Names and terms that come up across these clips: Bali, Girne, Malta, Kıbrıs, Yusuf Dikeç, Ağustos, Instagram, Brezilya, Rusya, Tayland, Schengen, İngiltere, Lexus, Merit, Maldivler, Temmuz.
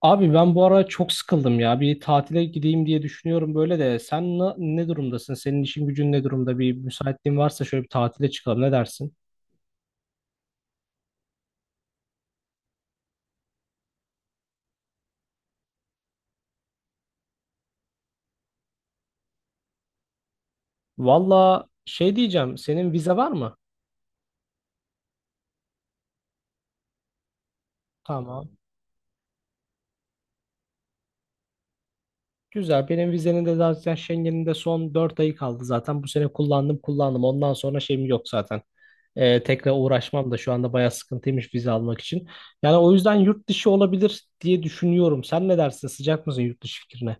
Abi ben bu ara çok sıkıldım ya. Bir tatile gideyim diye düşünüyorum böyle de. Sen ne durumdasın? Senin işin gücün ne durumda? Bir müsaitliğin varsa şöyle bir tatile çıkalım. Ne dersin? Valla şey diyeceğim. Senin vize var mı? Tamam. Güzel. Benim vizenin de zaten Schengen'in de son 4 ayı kaldı zaten. Bu sene kullandım kullandım. Ondan sonra şeyim yok zaten. Tekrar uğraşmam da şu anda bayağı sıkıntıymış vize almak için. Yani o yüzden yurt dışı olabilir diye düşünüyorum. Sen ne dersin? Sıcak mısın yurt dışı fikrine?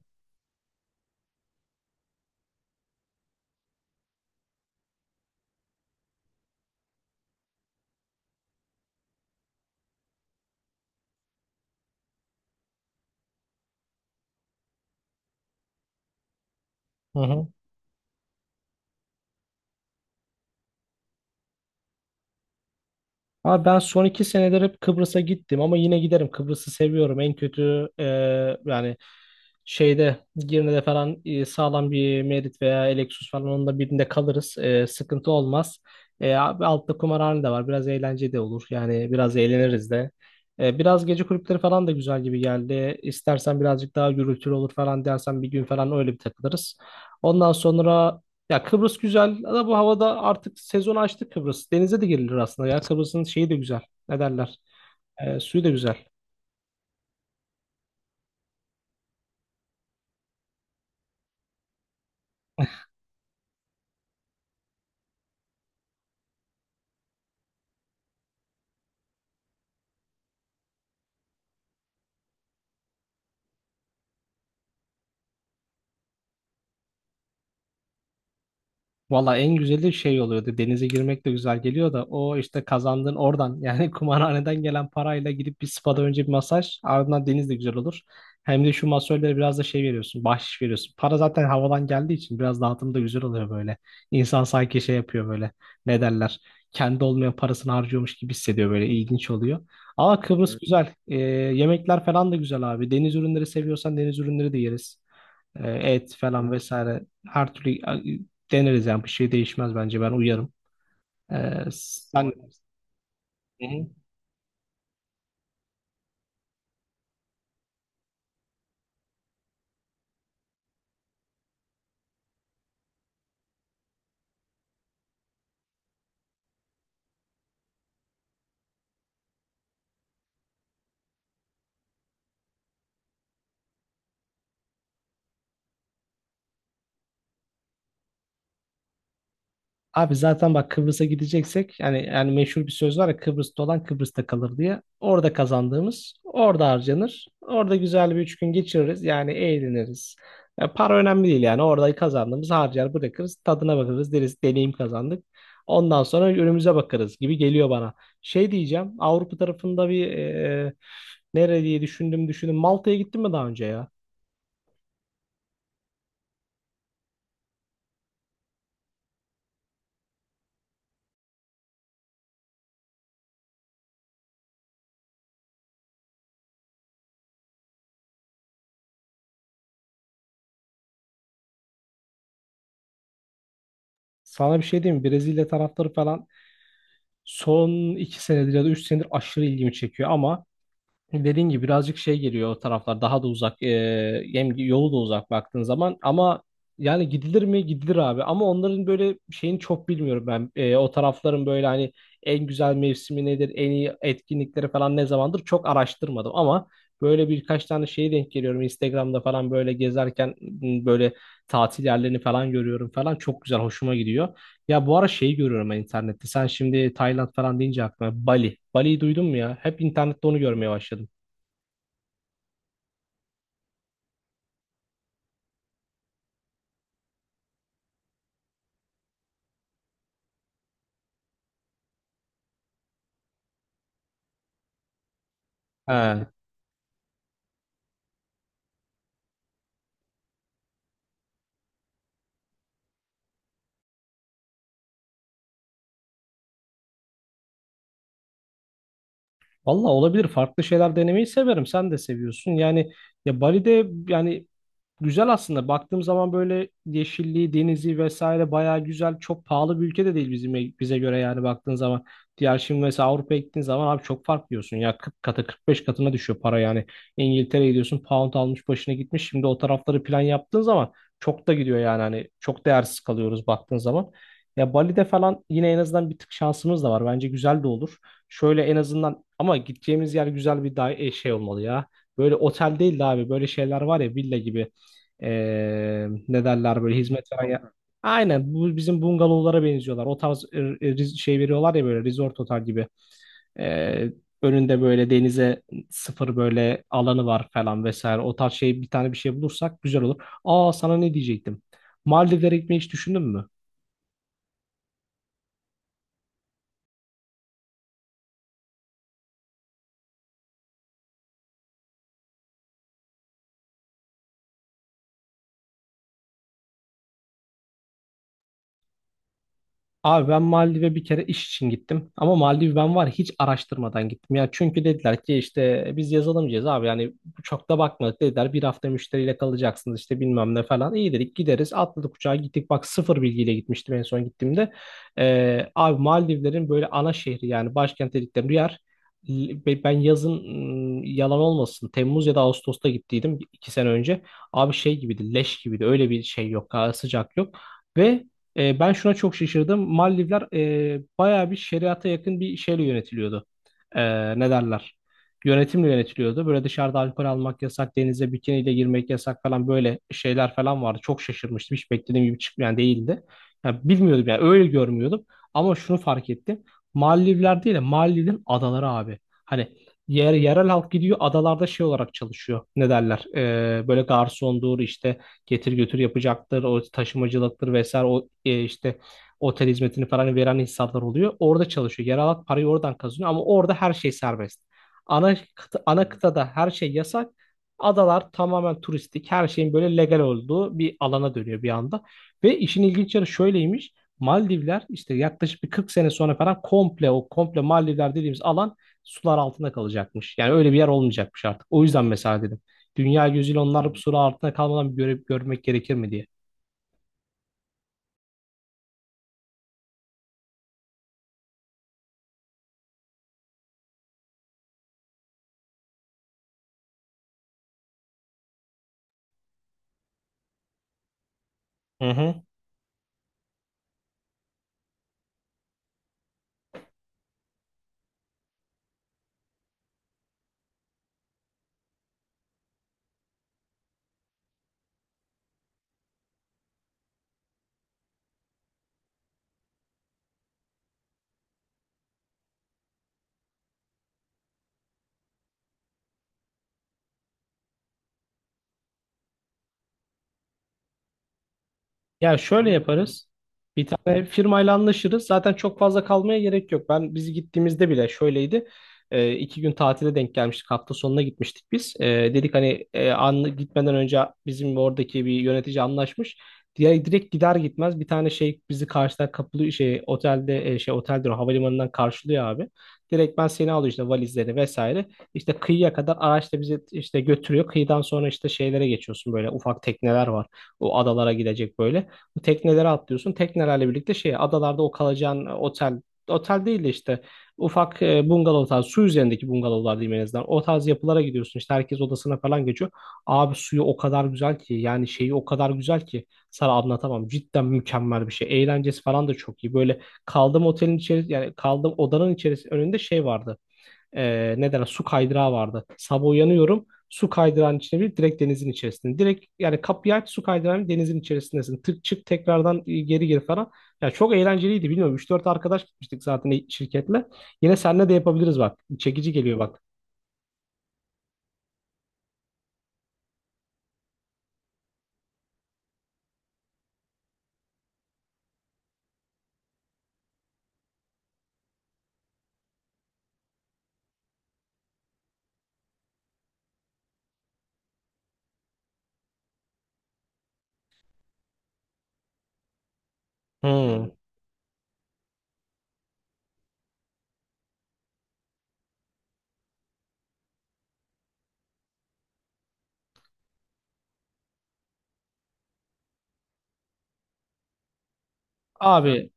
Hı hı. Abi ben son 2 senedir hep Kıbrıs'a gittim ama yine giderim. Kıbrıs'ı seviyorum. En kötü yani şeyde Girne'de falan sağlam bir Merit veya Lexus falan onun da birinde kalırız. Sıkıntı olmaz. Abi altta kumarhane de var. Biraz eğlence de olur. Yani biraz eğleniriz de. Biraz gece kulüpleri falan da güzel gibi geldi. İstersen birazcık daha gürültülü olur falan dersen bir gün falan öyle bir takılırız. Ondan sonra ya Kıbrıs güzel ama bu havada artık sezon açtı Kıbrıs. Denize de girilir aslında ya. Kıbrıs'ın şeyi de güzel. Ne derler? Suyu da güzel. Valla en güzeli şey oluyordu. Denize girmek de güzel geliyor da o işte kazandığın oradan yani kumarhaneden gelen parayla gidip bir spada önce bir masaj ardından deniz de güzel olur. Hem de şu masörlere biraz da şey veriyorsun, bahşiş veriyorsun. Para zaten havadan geldiği için biraz dağıtım da güzel oluyor böyle. İnsan sanki şey yapıyor böyle ne derler kendi olmayan parasını harcıyormuş gibi hissediyor böyle ilginç oluyor. Ama Kıbrıs, evet. güzel. Yemekler falan da güzel abi. Deniz ürünleri seviyorsan deniz ürünleri de yeriz. Et falan vesaire her türlü deneriz yani bir şey değişmez bence ben uyarım. Sen. Hı hı. Abi zaten bak Kıbrıs'a gideceksek yani meşhur bir söz var ya Kıbrıs'ta olan Kıbrıs'ta kalır diye. Orada kazandığımız orada harcanır. Orada güzel bir 3 gün geçiririz. Yani eğleniriz. Ya para önemli değil yani. Orada kazandığımız harcar bırakırız. Tadına bakarız deriz deneyim kazandık. Ondan sonra önümüze bakarız gibi geliyor bana. Şey diyeceğim Avrupa tarafında bir nere diye düşündüm düşündüm. Malta'ya gittin mi daha önce ya? Sana bir şey diyeyim mi? Brezilya tarafları falan son 2 senedir ya da 3 senedir aşırı ilgimi çekiyor ama dediğin gibi birazcık şey geliyor o taraflar daha da uzak hem yolu da uzak baktığın zaman ama yani gidilir mi gidilir abi ama onların böyle şeyini çok bilmiyorum ben. O tarafların böyle hani en güzel mevsimi nedir en iyi etkinlikleri falan ne zamandır çok araştırmadım ama böyle birkaç tane şeye denk geliyorum Instagram'da falan böyle gezerken böyle tatil yerlerini falan görüyorum falan çok güzel hoşuma gidiyor. Ya bu ara şeyi görüyorum ben internette. Sen şimdi Tayland falan deyince aklıma Bali. Bali'yi duydun mu ya? Hep internette onu görmeye başladım. He. Valla olabilir. Farklı şeyler denemeyi severim. Sen de seviyorsun. Yani ya Bali'de yani güzel aslında. Baktığım zaman böyle yeşilliği, denizi vesaire bayağı güzel. Çok pahalı bir ülke de değil bizim bize göre yani baktığın zaman. Diğer şimdi mesela Avrupa'ya gittiğin zaman abi çok fark diyorsun. Ya 40 katı 45 katına düşüyor para yani. İngiltere'ye gidiyorsun pound almış başına gitmiş. Şimdi o tarafları plan yaptığın zaman çok da gidiyor yani hani çok değersiz kalıyoruz baktığın zaman. Ya Bali'de falan yine en azından bir tık şansımız da var. Bence güzel de olur. Şöyle en azından ama gideceğimiz yer güzel bir şey olmalı ya. Böyle otel değil de abi böyle şeyler var ya villa gibi. Ne derler böyle hizmet veren ya-. Aynen bu bizim bungalovlara benziyorlar. O tarz şey veriyorlar ya böyle resort otel gibi. Ee, Önünde böyle denize sıfır böyle alanı var falan vesaire. O tarz şey bir tane bir şey bulursak güzel olur. Aa sana ne diyecektim? Maldivlere gitmeyi hiç düşündün mü? Abi ben Maldiv'e bir kere iş için gittim. Ama Maldiv ben var ya hiç araştırmadan gittim. Ya çünkü dediler ki işte biz yazılımcıyız abi yani çok da bakmadık dediler. Bir hafta müşteriyle kalacaksınız işte bilmem ne falan. İyi dedik gideriz atladık uçağa gittik. Bak sıfır bilgiyle gitmiştim en son gittiğimde. Abi Maldivlerin böyle ana şehri yani başkent dedikleri bir yer. Ve ben yazın yalan olmasın Temmuz ya da Ağustos'ta gittiydim 2 sene önce. Abi şey gibiydi leş gibiydi öyle bir şey yok ha, sıcak yok. Ve ben şuna çok şaşırdım. Maldivler bayağı bir şeriata yakın bir şeyle yönetiliyordu. E, Ne derler? Yönetimle yönetiliyordu. Böyle dışarıda alkol almak yasak, denize bikiniyle girmek yasak falan böyle şeyler falan vardı. Çok şaşırmıştım. Hiç beklediğim gibi çıkmayan değildi. Yani bilmiyordum yani öyle görmüyordum. Ama şunu fark ettim. Maldivler değil de Maldivlerin adaları abi. Hani yerel halk gidiyor adalarda şey olarak çalışıyor. Ne derler? Böyle garsondur işte getir götür yapacaktır, o taşımacılıktır vesaire o işte otel hizmetini falan veren insanlar oluyor. Orada çalışıyor. Yer alan parayı oradan kazanıyor ama orada her şey serbest. Ana kıtada her şey yasak. Adalar tamamen turistik, her şeyin böyle legal olduğu bir alana dönüyor bir anda. Ve işin ilginç yanı şöyleymiş. Maldivler işte yaklaşık bir 40 sene sonra falan komple o komple Maldivler dediğimiz alan sular altında kalacakmış. Yani öyle bir yer olmayacakmış artık. O yüzden mesela dedim. Dünya gözüyle onlar bu soru altında kalmadan bir görmek gerekir mi diye. Hı hı. Ya şöyle yaparız. Bir tane firmayla anlaşırız. Zaten çok fazla kalmaya gerek yok. Ben biz gittiğimizde bile şöyleydi. 2 gün tatile denk gelmiştik. Hafta sonuna gitmiştik biz. Dedik hani gitmeden önce bizim oradaki bir yönetici anlaşmış. Diye direkt gider gitmez bir tane şey bizi karşıdan kapılı şey otelde şey oteldir o, havalimanından karşılıyor abi. Direkt ben seni alıyor işte valizleri vesaire. İşte kıyıya kadar araçla bizi işte götürüyor. Kıyıdan sonra işte şeylere geçiyorsun böyle ufak tekneler var o adalara gidecek böyle. Bu teknelere atlıyorsun. Teknelerle birlikte şey adalarda o kalacağın otel değil de işte ufak bungalov tarzı su üzerindeki bungalovlar diyeyim en azından. O tarz yapılara gidiyorsun. İşte herkes odasına falan geçiyor. Abi suyu o kadar güzel ki yani şeyi o kadar güzel ki sana anlatamam. Cidden mükemmel bir şey. Eğlencesi falan da çok iyi. Böyle kaldığım otelin içeri yani kaldığım odanın içerisinde önünde şey vardı ne derler su kaydırağı vardı. Sabah uyanıyorum su kaydırağın içine bir direkt denizin içerisinde. Direkt yani kapıyı aç su kaydırağın denizin içerisindesin. Tık çık tekrardan geri gir falan. Ya çok eğlenceliydi bilmiyorum 3-4 arkadaş gitmiştik zaten şirketle. Yine seninle de yapabiliriz bak. Çekici geliyor bak. Hmm. Abi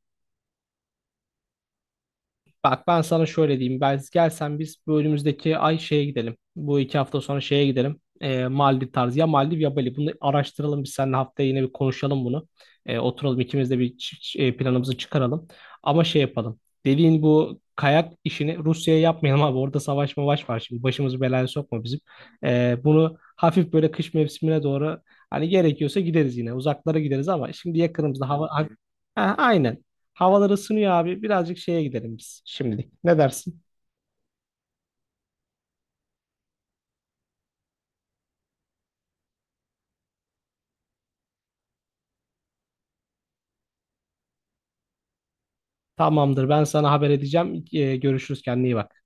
bak ben sana şöyle diyeyim. Ben gelsen biz bu önümüzdeki ay şeye gidelim. Bu 2 hafta sonra şeye gidelim. Maldiv tarzı. Ya Maldiv ya Bali. Bunu araştıralım biz seninle haftaya yine bir konuşalım bunu. Oturalım ikimiz de bir planımızı çıkaralım. Ama şey yapalım. Dediğin bu kayak işini Rusya'ya yapmayalım abi. Orada savaş mavaş var şimdi. Başımızı belaya sokma bizim. Bunu hafif böyle kış mevsimine doğru hani gerekiyorsa gideriz yine. Uzaklara gideriz ama şimdi yakınımızda hava... Ha, aynen. Havalar ısınıyor abi. Birazcık şeye gidelim biz şimdilik. Ne dersin? Tamamdır. Ben sana haber edeceğim. Görüşürüz. Kendine iyi bak.